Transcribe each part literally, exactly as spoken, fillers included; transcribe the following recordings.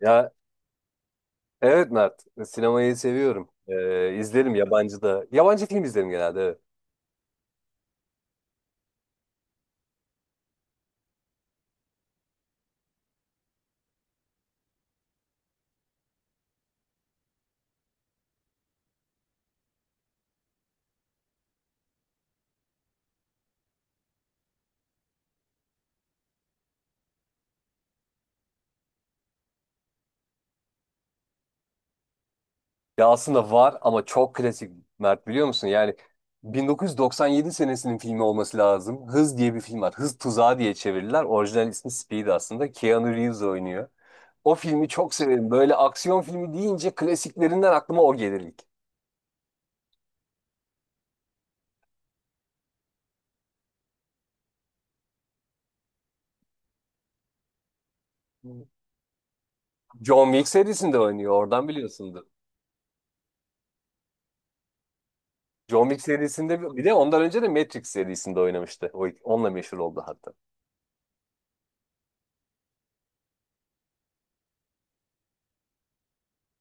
Ya evet Mert, sinemayı seviyorum. Ee, izlerim yabancı da. Yabancı film izlerim genelde, evet. Ya aslında var ama çok klasik Mert, biliyor musun? Yani bin dokuz yüz doksan yedi senesinin filmi olması lazım. Hız diye bir film var. Hız Tuzağı diye çevirdiler. Orijinal ismi Speed aslında. Keanu Reeves oynuyor. O filmi çok severim. Böyle aksiyon filmi deyince klasiklerinden aklıma o gelir ilk. John Wick serisinde oynuyor. Oradan biliyorsundur. John Wick serisinde bir de ondan önce de Matrix serisinde oynamıştı. O, onunla meşhur oldu hatta.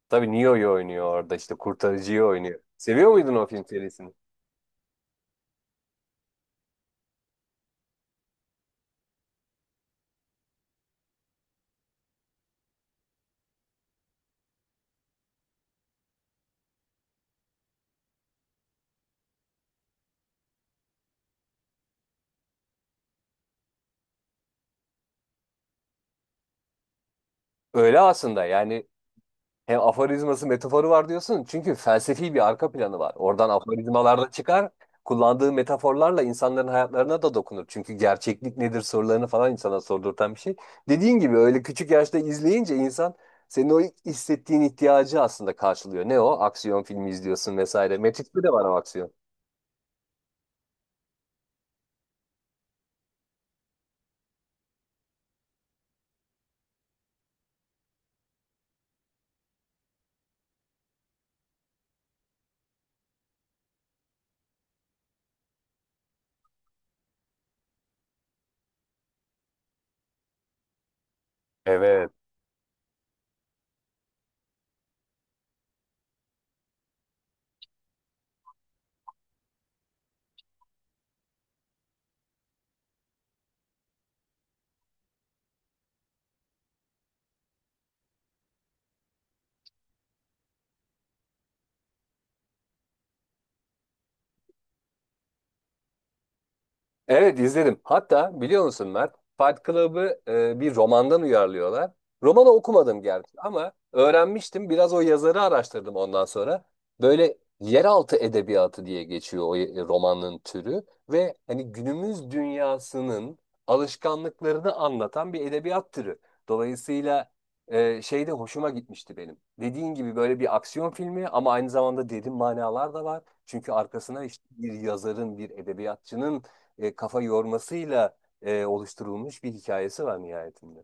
Tabii Neo'yu oynuyor orada, işte kurtarıcıyı oynuyor. Seviyor muydun o film serisini? Öyle aslında. Yani hem aforizması metaforu var diyorsun çünkü felsefi bir arka planı var. Oradan aforizmalar da çıkar. Kullandığı metaforlarla insanların hayatlarına da dokunur. Çünkü gerçeklik nedir sorularını falan insana sordurtan bir şey. Dediğin gibi öyle küçük yaşta izleyince insan, senin o hissettiğin ihtiyacı aslında karşılıyor. Ne o? Aksiyon filmi izliyorsun vesaire. Matrix'te de var o aksiyon. Evet. Evet, izledim. Hatta biliyor musun Mert? Fight Club'ı e, bir romandan uyarlıyorlar. Romanı okumadım gerçi ama öğrenmiştim. Biraz o yazarı araştırdım ondan sonra. Böyle yeraltı edebiyatı diye geçiyor o e, romanın türü ve hani günümüz dünyasının alışkanlıklarını anlatan bir edebiyat türü. Dolayısıyla e, şey de hoşuma gitmişti benim. Dediğin gibi böyle bir aksiyon filmi ama aynı zamanda derin manalar da var. Çünkü arkasına işte bir yazarın, bir edebiyatçının e, kafa yormasıyla e, oluşturulmuş bir hikayesi var nihayetinde.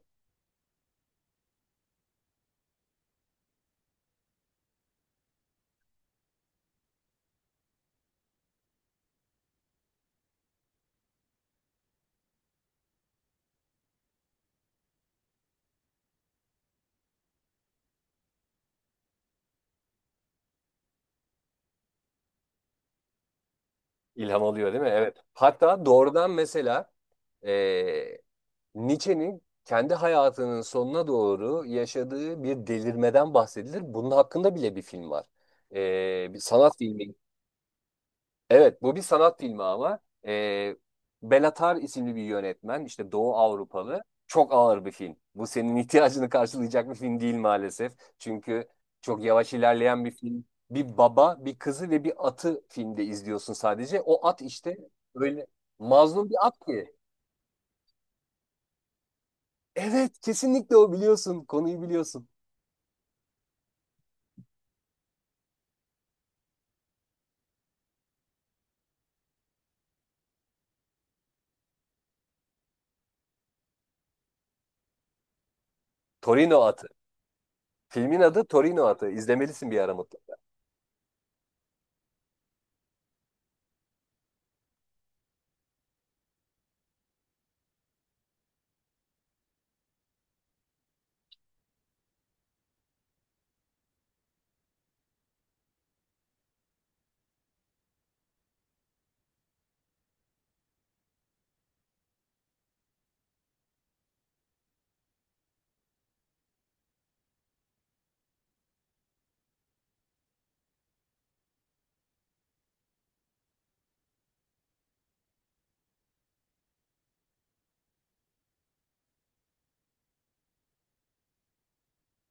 İlham alıyor değil mi? Evet. Hatta doğrudan mesela e, Nietzsche'nin kendi hayatının sonuna doğru yaşadığı bir delirmeden bahsedilir. Bunun hakkında bile bir film var. E, bir sanat filmi. Evet, bu bir sanat filmi ama e, Belatar isimli bir yönetmen, işte Doğu Avrupalı, çok ağır bir film. Bu senin ihtiyacını karşılayacak bir film değil maalesef. Çünkü çok yavaş ilerleyen bir film. Bir baba, bir kızı ve bir atı filmde izliyorsun sadece. O at işte öyle mazlum bir at ki. Evet, kesinlikle o, biliyorsun, konuyu biliyorsun. Torino atı. Filmin adı Torino atı. İzlemelisin bir ara mutlaka.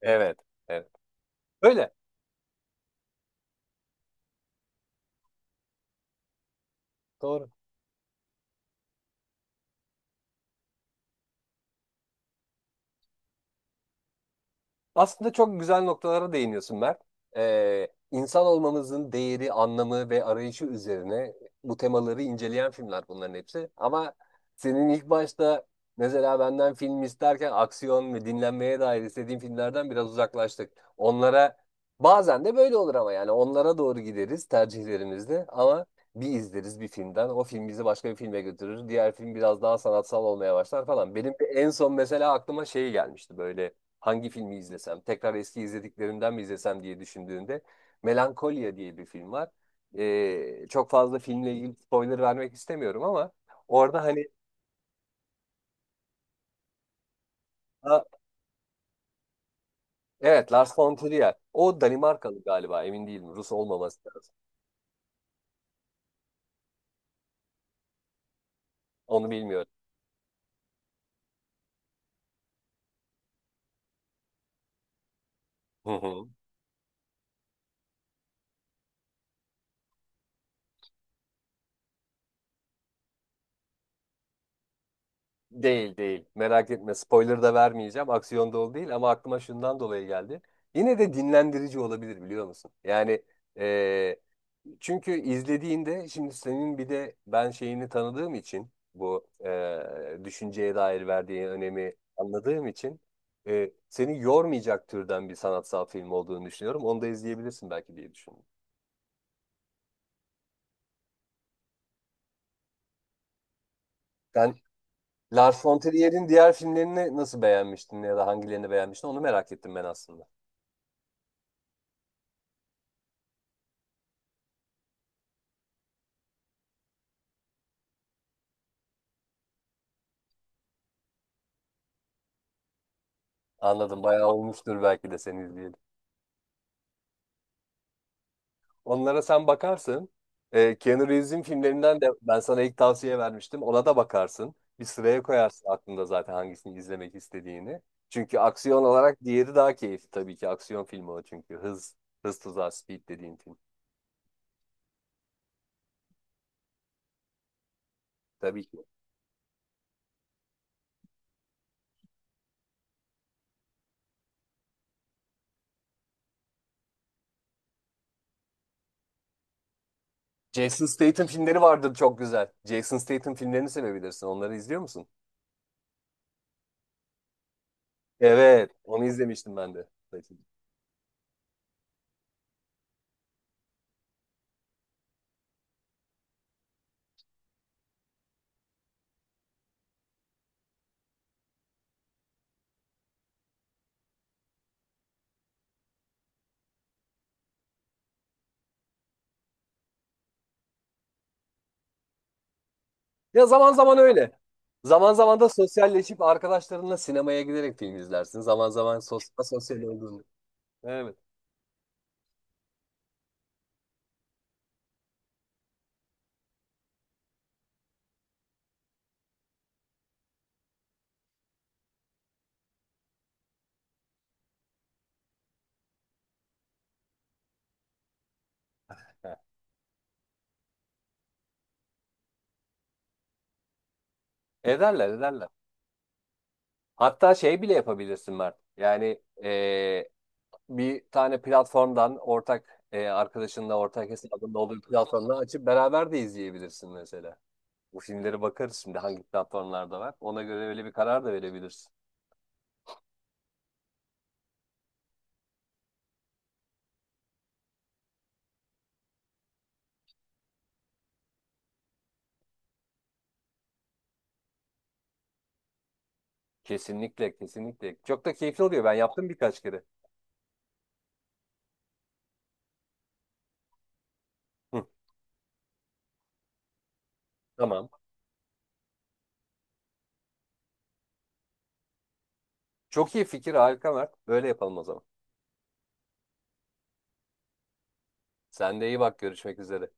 Evet, evet. Öyle. Doğru. Aslında çok güzel noktalara değiniyorsun Mert. Ee, insan olmamızın değeri, anlamı ve arayışı üzerine bu temaları inceleyen filmler bunların hepsi. Ama senin ilk başta mesela benden film isterken aksiyon ve dinlenmeye dair istediğin filmlerden biraz uzaklaştık. Onlara, bazen de böyle olur ama, yani onlara doğru gideriz tercihlerimizde ama bir izleriz bir filmden. O film bizi başka bir filme götürür. Diğer film biraz daha sanatsal olmaya başlar falan. Benim de en son mesela aklıma şey gelmişti, böyle hangi filmi izlesem, tekrar eski izlediklerimden mi izlesem diye düşündüğünde Melankolia diye bir film var. Ee, çok fazla filmle ilgili spoiler vermek istemiyorum ama orada hani, ha, evet Lars von Trier o Danimarkalı galiba, emin değilim, Rus olmaması lazım. Onu bilmiyorum. Hı hı. Değil değil, merak etme, spoiler da vermeyeceğim, aksiyon dolu değil ama aklıma şundan dolayı geldi. Yine de dinlendirici olabilir biliyor musun? Yani çünkü izlediğinde, şimdi senin bir de ben şeyini tanıdığım için, bu e, düşünceye dair verdiği önemi anladığım için e, seni yormayacak türden bir sanatsal film olduğunu düşünüyorum. Onu da izleyebilirsin belki diye düşündüm. Sen Lars von Trier'in diğer filmlerini nasıl beğenmiştin ya da hangilerini beğenmiştin onu merak ettim ben aslında. Anladım, bayağı olmuştur belki de seni izleyeli. Onlara sen bakarsın. Ee, Keanu Reeves'in filmlerinden de ben sana ilk tavsiye vermiştim. Ona da bakarsın. Bir sıraya koyarsın aklında zaten hangisini izlemek istediğini. Çünkü aksiyon olarak diğeri daha keyifli tabii ki. Aksiyon filmi o çünkü. Hız, Hız Tuzağı, Speed dediğin film. Tabii ki. Jason Statham filmleri vardır çok güzel. Jason Statham filmlerini sevebilirsin. Onları izliyor musun? Evet, onu izlemiştim ben de. Ya zaman zaman öyle. Zaman zaman da sosyalleşip arkadaşlarınla sinemaya giderek film izlersin. Zaman zaman sos sosyal olduğunu. Evet. Heh. Ederler ederler. Hatta şey bile yapabilirsin Mert. Yani e, bir tane platformdan ortak, e, arkadaşınla ortak hesabında olduğu platformdan açıp beraber de izleyebilirsin mesela. Bu filmlere bakarız şimdi hangi platformlarda var. Ona göre öyle bir karar da verebilirsin. Kesinlikle kesinlikle. Çok da keyifli oluyor. Ben yaptım birkaç kere. Hı, tamam. Çok iyi fikir, harika Mert. Böyle yapalım o zaman. Sen de iyi bak, görüşmek üzere.